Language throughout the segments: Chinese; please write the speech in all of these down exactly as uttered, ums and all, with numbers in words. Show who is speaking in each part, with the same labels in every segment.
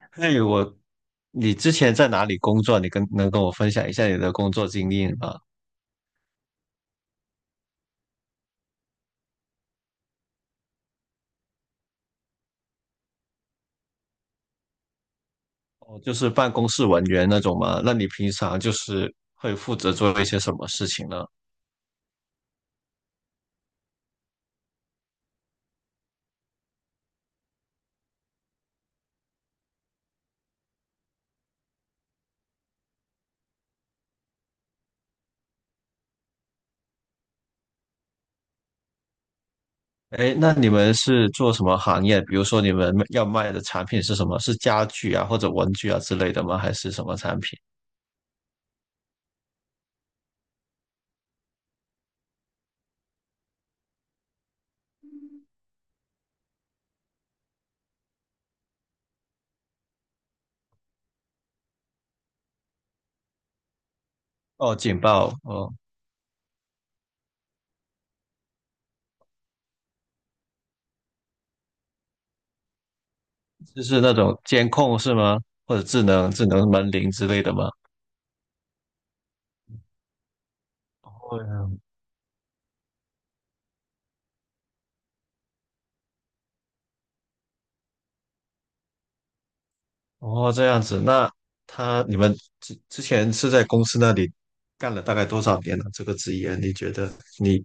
Speaker 1: 哎，我，你之前在哪里工作？你跟能跟我分享一下你的工作经历吗？哦，就是办公室文员那种吗？那你平常就是会负责做一些什么事情呢？哎，那你们是做什么行业？比如说你们要卖的产品是什么？是家具啊，或者文具啊之类的吗？还是什么产品？哦，警报，哦，就是那种监控是吗？或者智能智能门铃之类的吗？哦，这样子，那他你们之之前是在公司那里干了大概多少年了，这个职业，你觉得你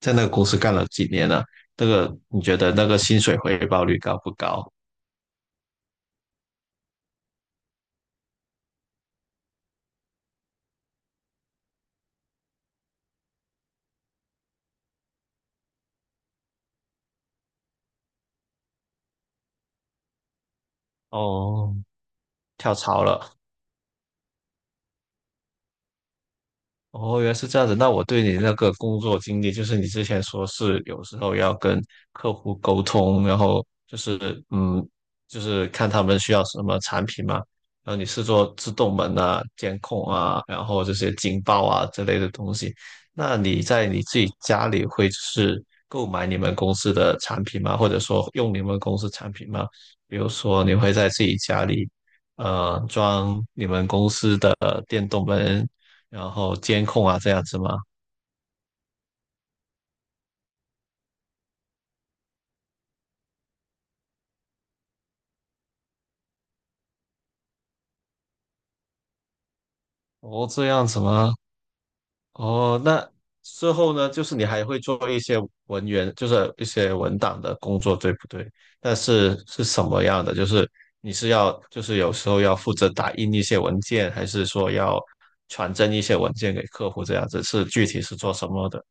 Speaker 1: 在那个公司干了几年了？那个你觉得那个薪水回报率高不高？哦，跳槽了。哦，原来是这样子。那我对你那个工作经历，就是你之前说是有时候要跟客户沟通，然后就是嗯，就是看他们需要什么产品嘛，然后你是做自动门啊、监控啊，然后这些警报啊之类的东西。那你在你自己家里会就是购买你们公司的产品吗？或者说用你们公司产品吗？比如说你会在自己家里呃装你们公司的电动门，然后监控啊这样子吗？哦，这样子吗？哦，那之后呢，就是你还会做一些文员，就是一些文档的工作，对不对？但是是什么样的？就是你是要，就是有时候要负责打印一些文件，还是说要传真一些文件给客户这样子？是具体是做什么的？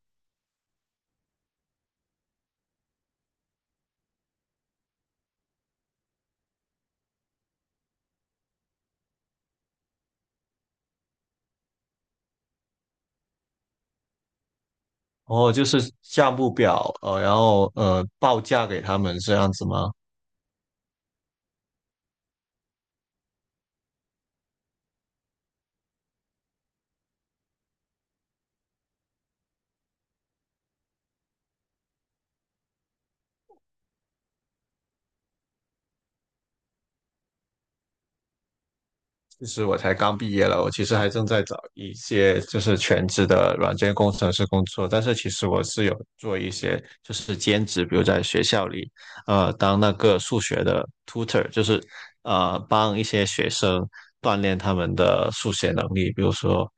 Speaker 1: 哦，就是项目表，呃，然后呃报价给他们这样子吗？其实我才刚毕业了，我其实还正在找一些就是全职的软件工程师工作，但是其实我是有做一些就是兼职，比如在学校里，呃，当那个数学的 tutor，就是呃帮一些学生锻炼他们的数学能力，比如说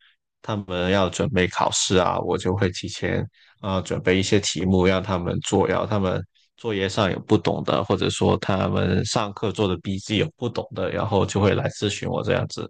Speaker 1: 他们要准备考试啊，我就会提前啊、呃准备一些题目让他们做，然后他们作业上有不懂的，或者说他们上课做的笔记有不懂的，然后就会来咨询我这样子。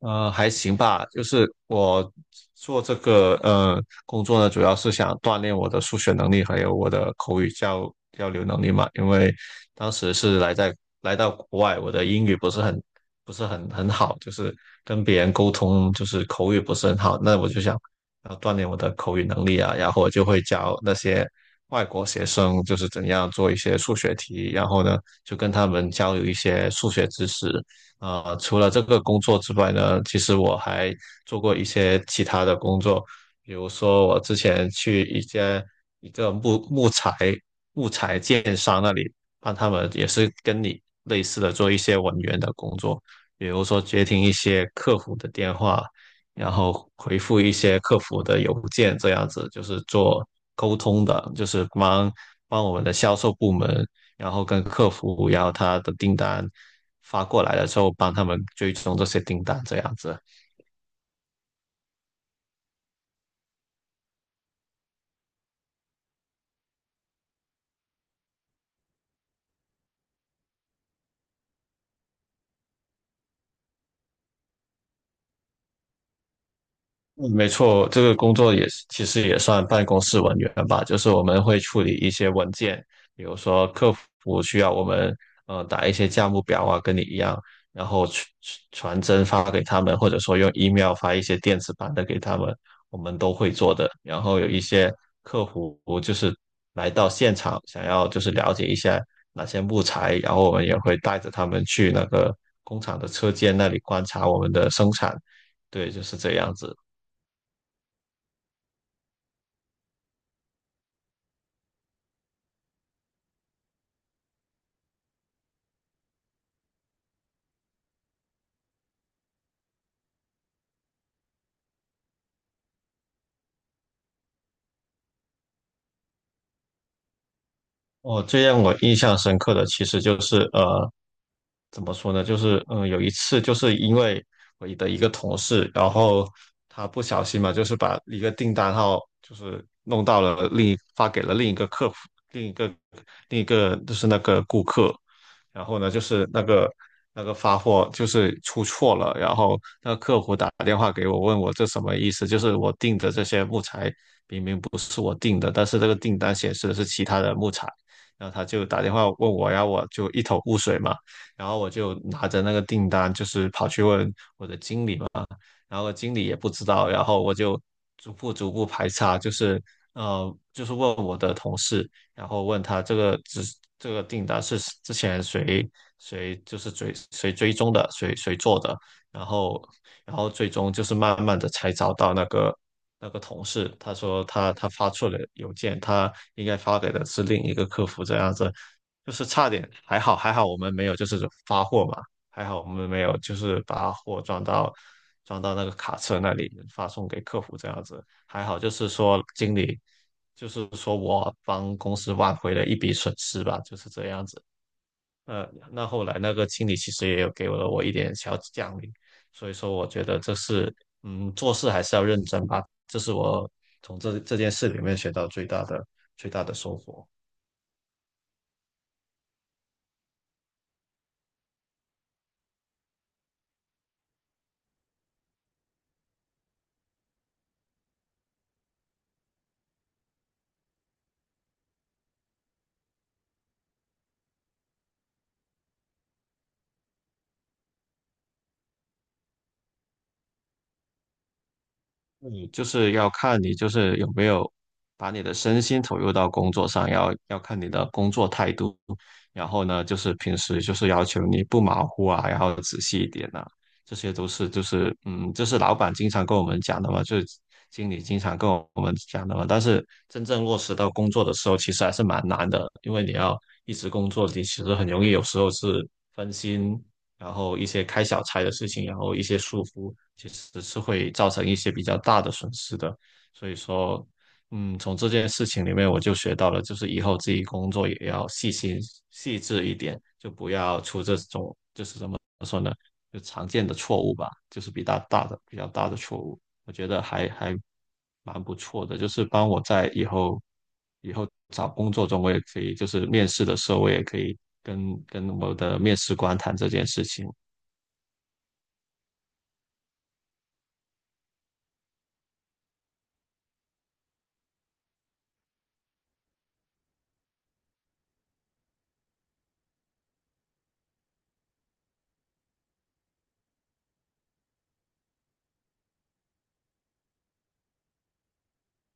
Speaker 1: 呃，还行吧，就是我做这个呃工作呢，主要是想锻炼我的数学能力，还有我的口语交交流能力嘛。因为当时是来在来到国外，我的英语不是很不是很很好，就是跟别人沟通就是口语不是很好。那我就想要锻炼我的口语能力啊，然后我就会教那些外国学生就是怎样做一些数学题，然后呢就跟他们交流一些数学知识。啊，除了这个工作之外呢，其实我还做过一些其他的工作，比如说我之前去一间一个木木材木材建商那里，帮他们也是跟你类似的做一些文员的工作，比如说接听一些客服的电话，然后回复一些客服的邮件，这样子就是做沟通的，就是帮帮我们的销售部门然后跟客服然后他的订单发过来的时候，帮他们追踪这些订单这样子。嗯，没错，这个工作也是其实也算办公室文员吧，就是我们会处理一些文件，比如说客服需要我们呃打一些价目表啊，跟你一样，然后传传真发给他们，或者说用 email 发一些电子版的给他们，我们都会做的。然后有一些客服就是来到现场，想要就是了解一下哪些木材，然后我们也会带着他们去那个工厂的车间那里观察我们的生产，对，就是这样子。哦，最让我印象深刻的其实就是呃，怎么说呢？就是嗯，有一次就是因为我的一个同事，然后他不小心嘛，就是把一个订单号就是弄到了另一发给了另一个客服，另一个另一个就是那个顾客，然后呢，就是那个那个发货就是出错了，然后那个客服打电话给我，问我这什么意思？就是我订的这些木材明明不是我订的，但是这个订单显示的是其他的木材，然后他就打电话问我，然后我就一头雾水嘛。然后我就拿着那个订单，就是跑去问，然后经理也不知道，然后我就逐步逐步排查，就是呃，就是问我的同事，然后问他这个只这个订单是之前谁谁就是追谁追踪的，谁谁做的，然后然后最终就是慢慢的才找到那个那个同事，他说他他发错了邮件，他应该发给的是另一个客服这样子，就是差点还好还好我们没有就是发货嘛。还好我们没有，就是把货装到装到那个卡车那里发送给客服这样子。还好就是说经理，就是说我帮公司挽回了一笔损失吧，就是这样子。呃，那后来那个经理其实也有给了我一点小奖励，所以说我觉得这是嗯做事还是要认真吧，这是我从这这件事里面学到最大的最大的收获。你就是要看你就是有没有把你的身心投入到工作上，要要看你的工作态度。然后呢，就是平时就是要求你不马虎啊，然后仔细一点啊，这些都是就是嗯，这是老板经常跟我们讲的嘛，就是经理经常跟我们讲的嘛。但是真正落实到工作的时候，其实还是蛮难的，因为你要一直工作，你其实很容易有时候是分心，然后一些开小差的事情，然后一些疏忽，其实是会造成一些比较大的损失的。所以说，嗯，从这件事情里面我就学到了，就是以后自己工作也要细心细致一点，就不要出这种怎么说呢，就常见的错误吧，就是比较大的比较大的错误。我觉得还还蛮不错的，就是帮我在以后以后找工作中，我也可以就是面试的时候，我也可以跟跟我的面试官谈这件事情。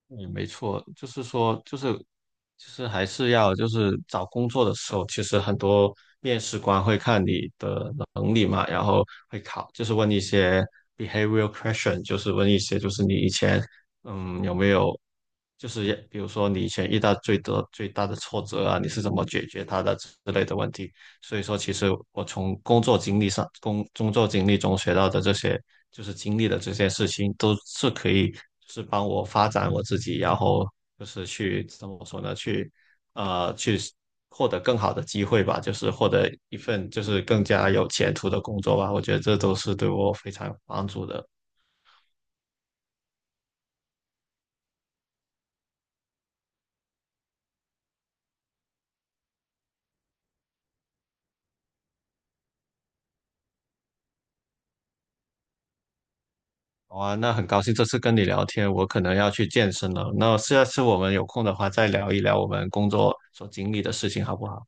Speaker 1: 嗯，没错，就是说，就是就是还是要就是找工作的时候，其实很多面试官会看你的能力嘛，然后会考，就是问一些 behavioral question，就是问一些就是你以前嗯有没有就是也比如说你以前遇到最多最大的挫折啊，你是怎么解决它的之类的问题。所以说，其实我从工作经历上、工工作经历中学到的这些，就是经历的这些事情，都是可以就是帮我发展我自己，然后就是去怎么说呢？去呃去获得更好的机会吧，就是获得一份就是更加有前途的工作吧。我觉得这都是对我非常有帮助的。哇，那很高兴这次跟你聊天，我可能要去健身了。那下次我们有空的话，再聊一聊我们工作所经历的事情，好不好？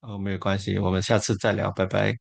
Speaker 1: 哦，没有关系，我们下次再聊，拜拜。